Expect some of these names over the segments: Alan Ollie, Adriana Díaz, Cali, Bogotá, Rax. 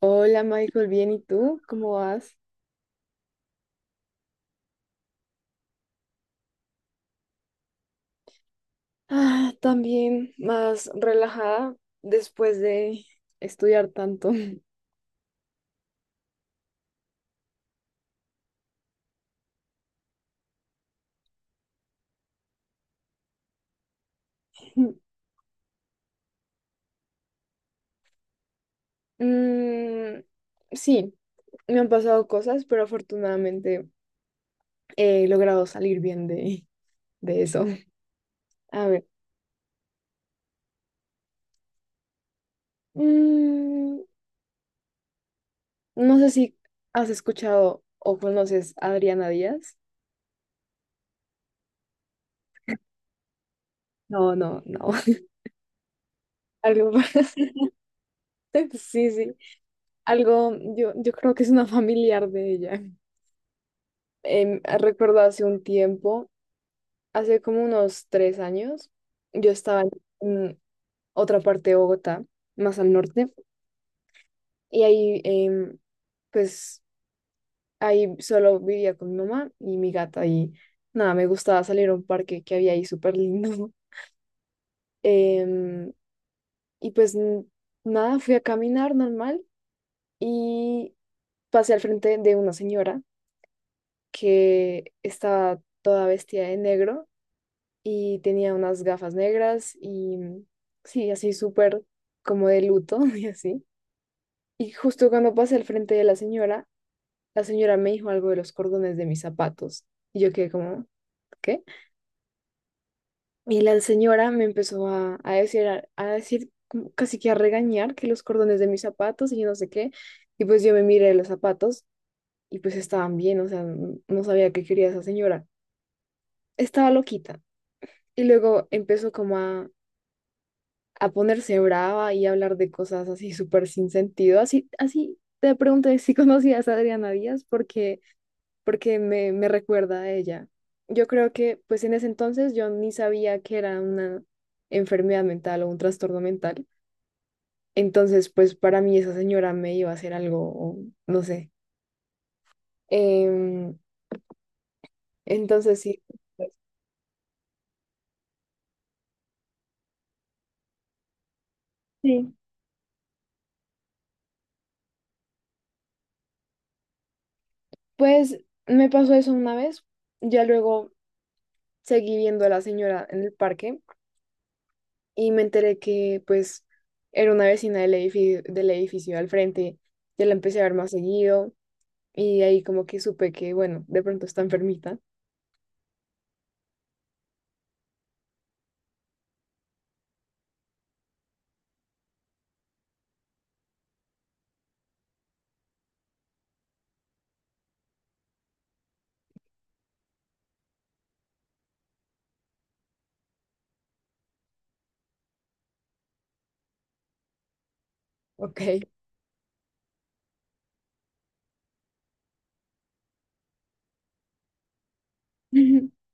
Hola Michael, bien, ¿y tú? ¿Cómo vas? Ah, también más relajada después de estudiar tanto. Mm, sí, me han pasado cosas, pero afortunadamente he logrado salir bien de eso. A ver, mm, no sé si has escuchado o conoces a Adriana Díaz. No, no, no. Algo, sí, sí. Algo, yo creo que es una familiar de ella. Recuerdo hace un tiempo, hace como unos 3 años, yo estaba en otra parte de Bogotá, más al norte, y ahí, pues, ahí solo vivía con mi mamá y mi gata, y nada, me gustaba salir a un parque que había ahí súper lindo. Em, y pues, nada, fui a caminar normal y pasé al frente de una señora que estaba toda vestida de negro y tenía unas gafas negras y sí, así súper como de luto y así. Y justo cuando pasé al frente de la señora me dijo algo de los cordones de mis zapatos y yo quedé como, ¿qué? Y la señora me empezó a decir, a decir como casi que a regañar que los cordones de mis zapatos y yo no sé qué. Y pues yo me miré los zapatos y pues estaban bien, o sea, no sabía qué quería esa señora. Estaba loquita. Y luego empezó como a ponerse brava y hablar de cosas así súper sin sentido. Así, así te pregunté si conocías a Adriana Díaz porque me recuerda a ella. Yo creo que pues en ese entonces yo ni sabía que era una enfermedad mental o un trastorno mental. Entonces pues para mí esa señora me iba a hacer algo, o no sé. Em, entonces sí. Pues, sí. Pues me pasó eso una vez. Ya luego seguí viendo a la señora en el parque y me enteré que pues era una vecina del edificio al frente, ya la empecé a ver más seguido y ahí como que supe que, bueno, de pronto está enfermita. Ok.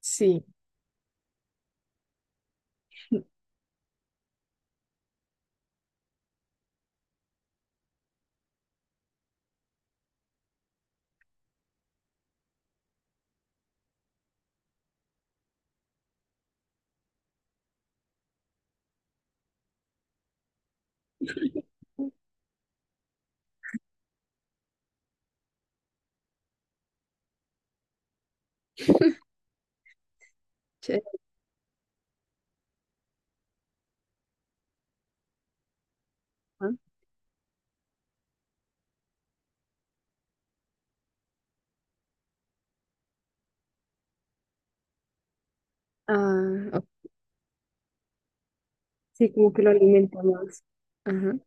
Sí. Che- ajá. Ah, ok. Sí, como que lo alimenta más. Ajá.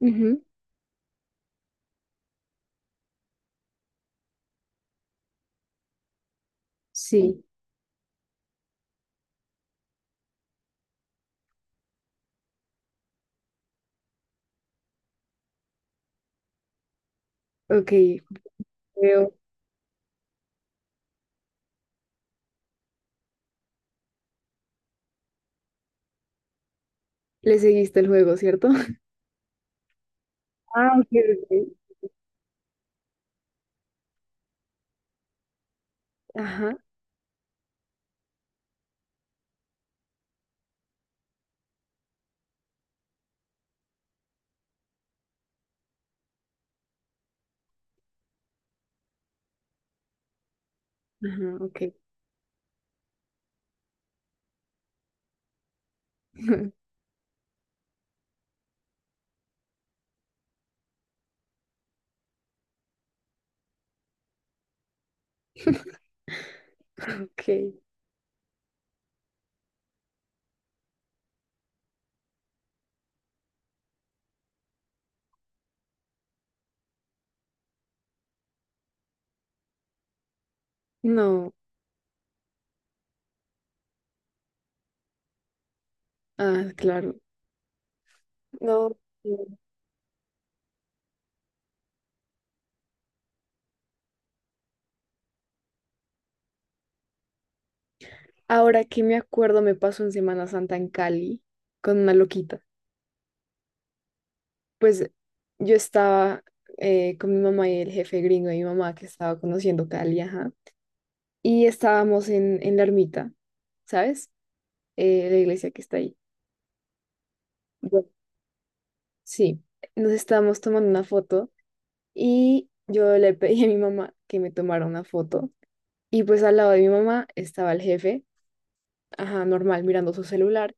Ujú, sí. Ok. Veo. Le seguiste el juego, ¿cierto? Ah, ok, ok. Ajá. Ajá, ok. Ok. No. Ah, claro. No. Sí. Ahora que me acuerdo, me pasó en Semana Santa en Cali con una loquita. Pues yo estaba con mi mamá y el jefe gringo de mi mamá que estaba conociendo Cali, ajá. Y estábamos en la ermita, ¿sabes? La iglesia que está ahí. Bueno, sí, nos estábamos tomando una foto y yo le pedí a mi mamá que me tomara una foto. Y pues al lado de mi mamá estaba el jefe, ajá, normal, mirando su celular.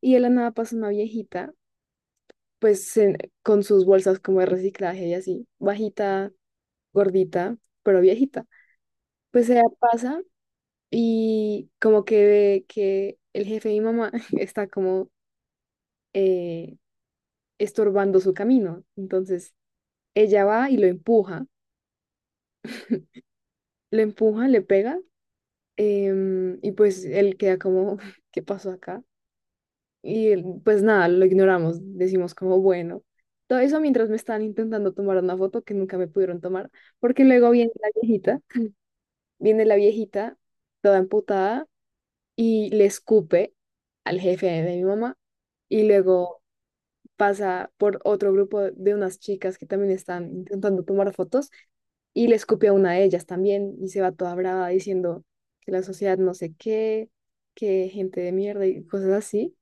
Y de la nada pasó una viejita pues en- con sus bolsas como de reciclaje y así, bajita, gordita, pero viejita. Pues ella pasa y como que ve que el jefe de mi mamá está como eh, estorbando su camino. Entonces ella va y lo empuja, le pega y pues él queda como, ¿qué pasó acá? Y él, pues nada, lo ignoramos, decimos como bueno. Todo eso mientras me estaban intentando tomar una foto que nunca me pudieron tomar, porque luego viene la viejita, toda amputada, y le escupe al jefe de mi mamá. Y luego pasa por otro grupo de unas chicas que también están intentando tomar fotos y le escupe a una de ellas también y se va toda brava diciendo que la sociedad no sé qué, que gente de mierda y cosas así,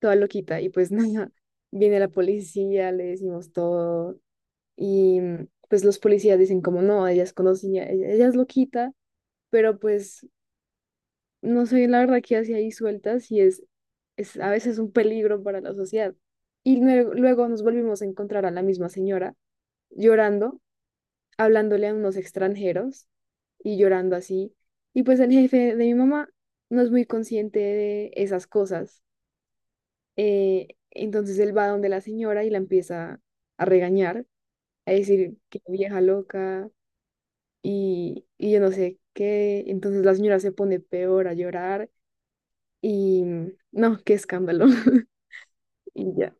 toda loquita. Y pues nada, viene la policía, le decimos todo y pues los policías dicen como no, ella es conocida, ella es loquita, pero pues no sé la verdad qué hace ahí sueltas y es a veces un peligro para la sociedad. Y luego nos volvimos a encontrar a la misma señora llorando, hablándole a unos extranjeros y llorando así. Y pues el jefe de mi mamá no es muy consciente de esas cosas. Entonces él va donde la señora y la empieza a regañar, a decir que vieja loca y yo no sé qué. Entonces la señora se pone peor a llorar. Y no, qué escándalo. Y ya.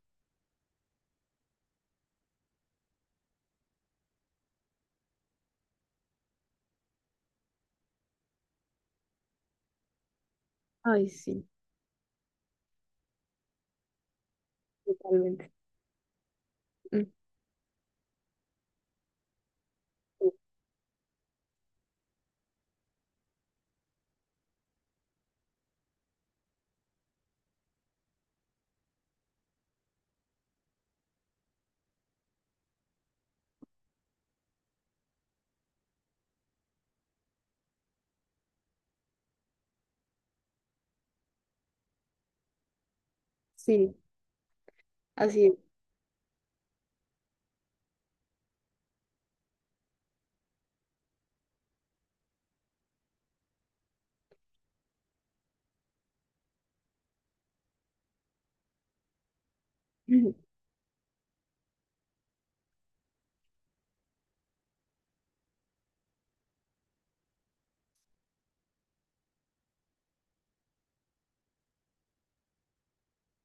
Ay, sí, totalmente. Mm. Mm, sí, así es.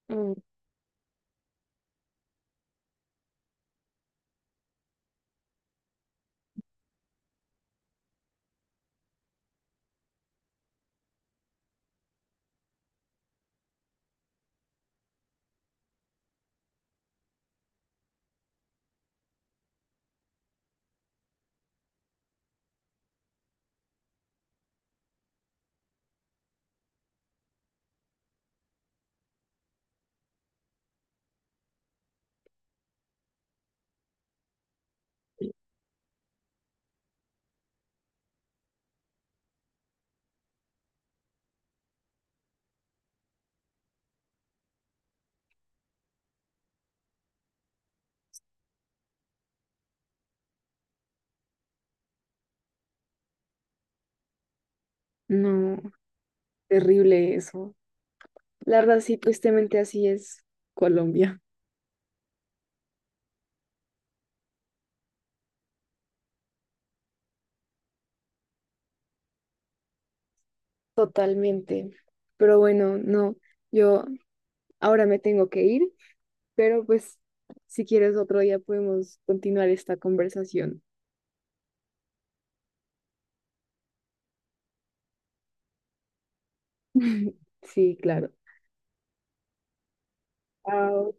Mm. No, terrible eso. La verdad, sí, tristemente así es Colombia. Totalmente. Pero bueno, no, yo ahora me tengo que ir, pero pues si quieres otro día podemos continuar esta conversación. Sí, claro. Chao.